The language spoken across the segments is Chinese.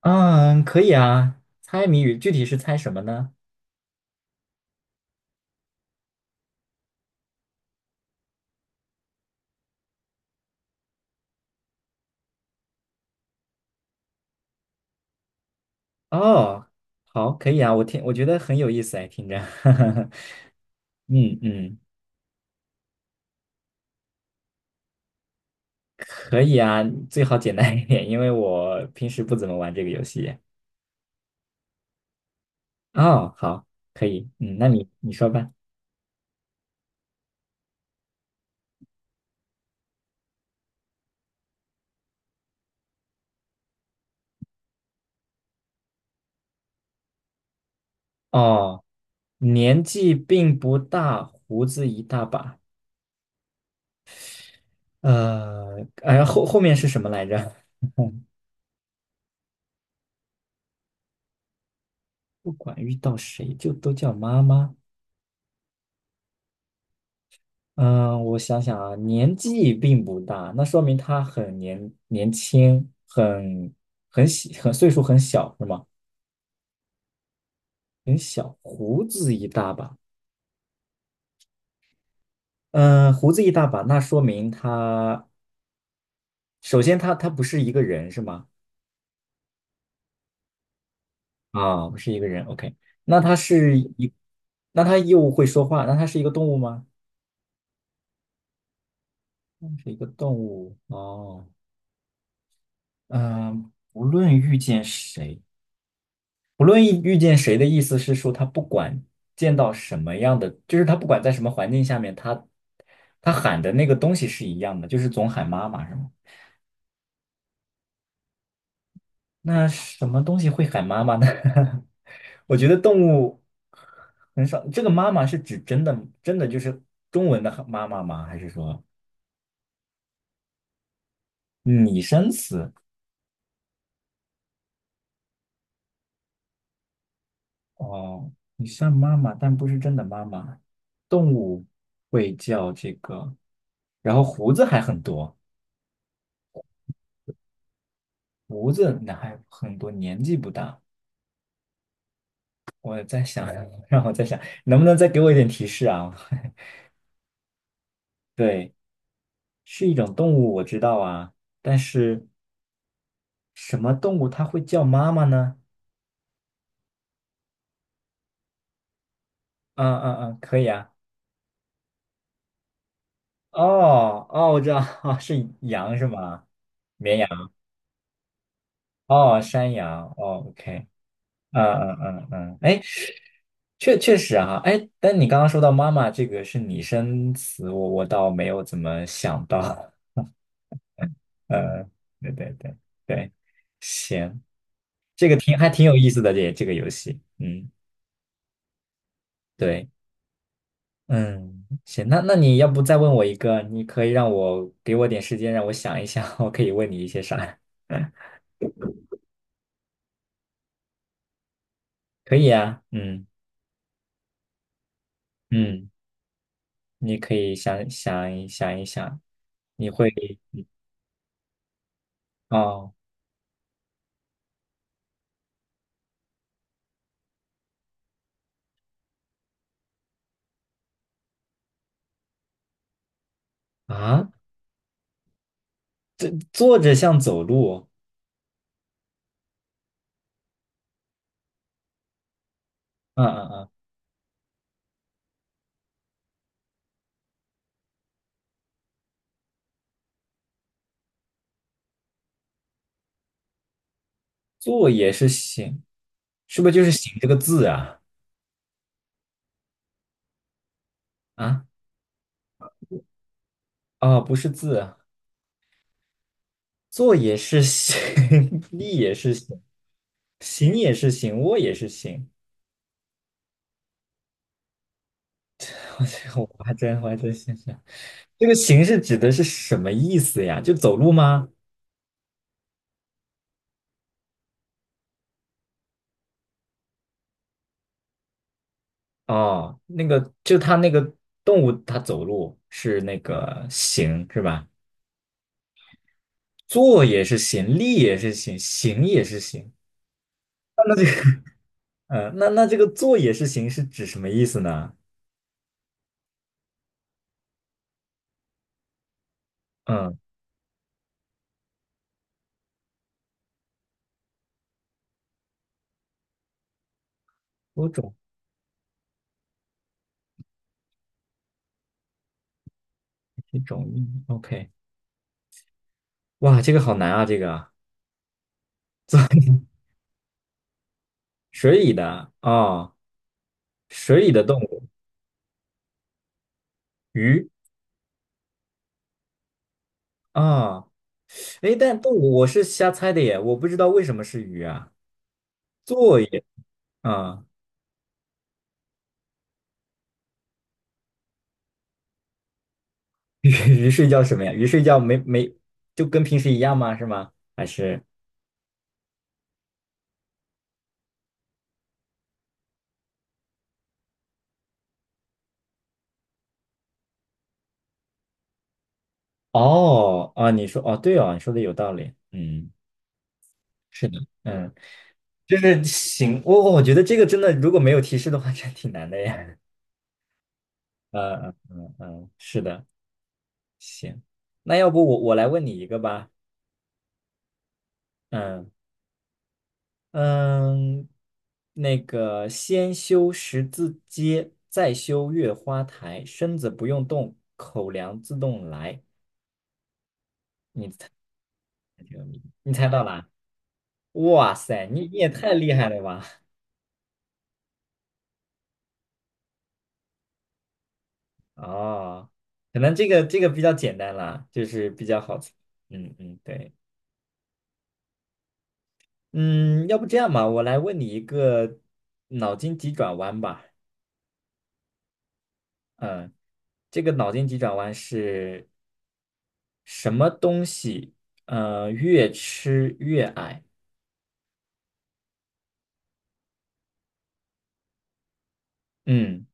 嗯，可以啊。猜谜语具体是猜什么呢？哦，好，可以啊。我觉得很有意思哎，听着。嗯嗯，可以啊，最好简单一点，因为我平时不怎么玩这个游戏。哦，好，可以。嗯，那你说吧。哦，年纪并不大，胡子一大把。哎呀，后面是什么来着？不管遇到谁就都叫妈妈。嗯，我想想啊，年纪并不大，那说明他很年轻，很很小，很岁数很小，是吗？很小，胡子一大把。嗯，胡子一大把，那说明他首先他不是一个人是吗？啊，不是一个人，OK。那他是一，那他又会说话，那他是一个动物吗？是一个动物哦。嗯，无论遇见谁。不论遇见谁的意思是说，他不管见到什么样的，就是他不管在什么环境下面，他他喊的那个东西是一样的，就是总喊妈妈，是吗？那什么东西会喊妈妈呢？我觉得动物很少。这个妈妈是指真的真的就是中文的妈妈吗？还是说拟声词？哦，你像妈妈，但不是真的妈妈。动物会叫这个，然后胡子还很多。胡子那还很多，年纪不大。我在想，让我在想，能不能再给我一点提示啊？对，是一种动物，我知道啊，但是什么动物它会叫妈妈呢？嗯嗯嗯，可以啊。哦哦，我知道，哦，是羊是吗？绵羊。哦，山羊。哦，OK。嗯嗯嗯嗯，哎，确实啊，哎，但你刚刚说到妈妈这个是拟声词，我倒没有怎么想到。呃，对对对对，行，这个挺还挺有意思的这个游戏，嗯，对，嗯，行，那那你要不再问我一个，你可以让我给我点时间让我想一想，我可以问你一些啥？可以啊，嗯嗯，你可以想一想，你会哦啊，这坐着像走路，嗯嗯嗯，坐也是行，是不是就是行这个字啊？啊，哦，不是字，坐也是行，立也是行，行也是行，卧也是行。我这个我还真我还真想想，这个行是指的是什么意思呀？就走路吗？哦，那个就它那个动物它走路是那个行是吧？坐也是行，立也是行，行也是行。那这个，嗯，那那这个坐也是行是指什么意思呢？嗯，多种一种意义。OK,哇，这个好难啊，这个啊坐水里的啊，水里的动物，鱼啊，诶，但动物我是瞎猜的耶，我不知道为什么是鱼啊，作业啊，鱼睡觉什么呀？鱼睡觉没没就跟平时一样吗？是吗？还是哦啊？你说哦，对哦，你说的有道理，嗯，是的，嗯，就是行，我觉得这个真的如果没有提示的话，真挺难的耶。嗯嗯嗯嗯，是的，行，那要不我来问你一个吧，嗯。嗯，那个先修十字街，再修月花台，身子不用动，口粮自动来。你猜到啦？哇塞，你也太厉害了吧！哦，可能这个比较简单啦，就是比较好猜。嗯嗯，对，嗯，要不这样吧，我来问你一个脑筋急转弯吧。嗯，这个脑筋急转弯是什么东西？呃，越吃越矮。嗯。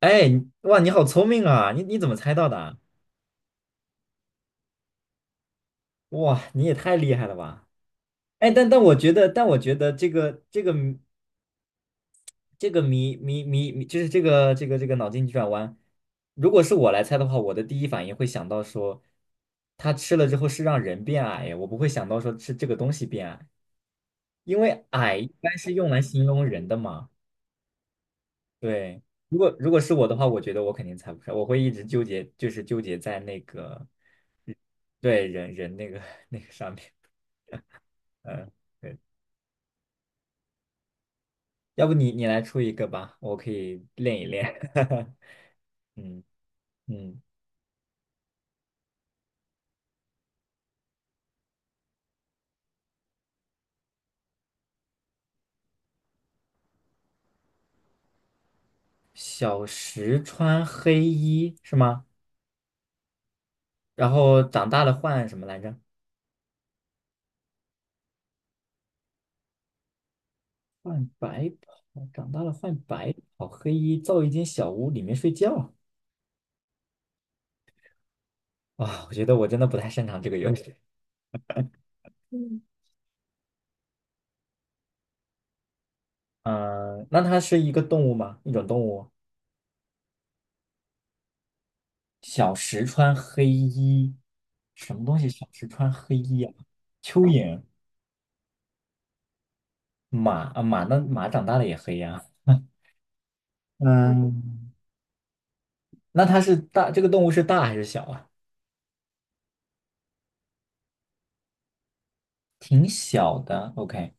哎，你哇，你好聪明啊！你怎么猜到的啊哇，你也太厉害了吧！哎，但我觉得，但我觉得这个这个谜这个谜，就是这个脑筋急转弯，如果是我来猜的话，我的第一反应会想到说，他吃了之后是让人变矮呀，我不会想到说是这个东西变矮，因为矮一般是用来形容人的嘛。对，如果如果是我的话，我觉得我肯定猜不出来，我会一直纠结，就是纠结在那个对人那个 那个上面。嗯，对，要不你来出一个吧，我可以练一练。嗯嗯，小时穿黑衣是吗？然后长大了换什么来着？换白袍，长大了换白袍，黑衣造一间小屋，里面睡觉。啊、我觉得我真的不太擅长这个游戏 嗯，呃那它是一个动物吗？一种动物？小时穿黑衣，什么东西？小时穿黑衣啊？蚯蚓、马啊，马那马长大了也黑呀、嗯，那它是大，这个动物是大还是小啊？挺小的，OK。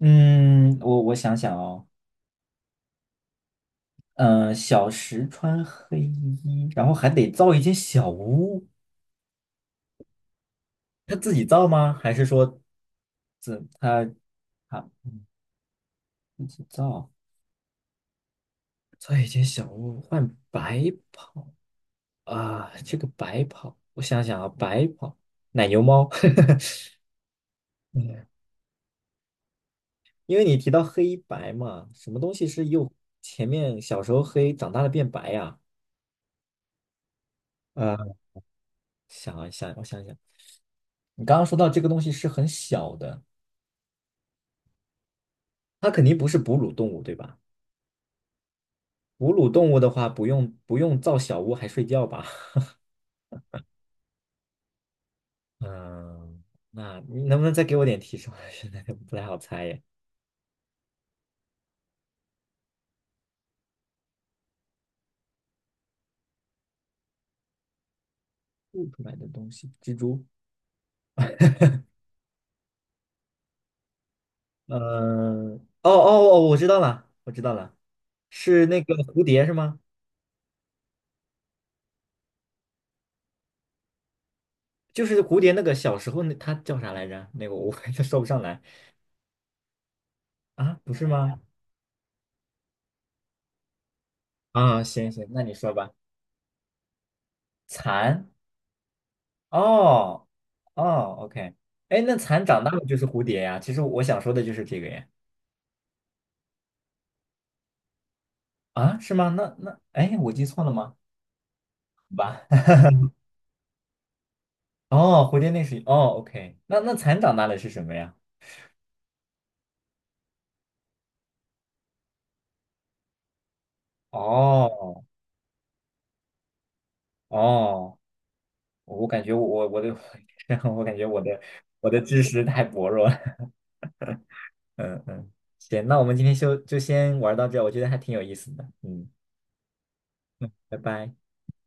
嗯，我想想哦，嗯、小时穿黑衣，然后还得造一间小屋，他自己造吗？还是说，怎他他自己造，造一间小屋换白跑啊？这个白跑，我想想啊，白跑奶牛猫，因为你提到黑白嘛，什么东西是又前面小时候黑，长大了变白呀、啊。想一想，我想一想，你刚刚说到这个东西是很小的，它肯定不是哺乳动物，对吧？哺乳动物的话，不用造小屋还睡觉吧？嗯，那你能不能再给我点提示？我现在不太好猜耶。吐出来的东西，蜘蛛。嗯，哦哦哦，我知道了，我知道了，是那个蝴蝶是吗？就是蝴蝶那个小时候那它叫啥来着？那个我 就说不上来啊，不是吗？啊，行行，那你说吧。蚕。哦哦，OK,哎，那蚕长大了就是蝴蝶呀。其实我想说的就是这个呀。啊，是吗？那那，哎，我记错了吗？好吧。哦，蝴蝶那是哦，OK。那那蚕长大了是什么呀？哦哦，我感觉我的 我感觉我的知识太薄弱了。嗯嗯，行，那我们今天就就先玩到这儿我觉得还挺有意思的。嗯，拜拜。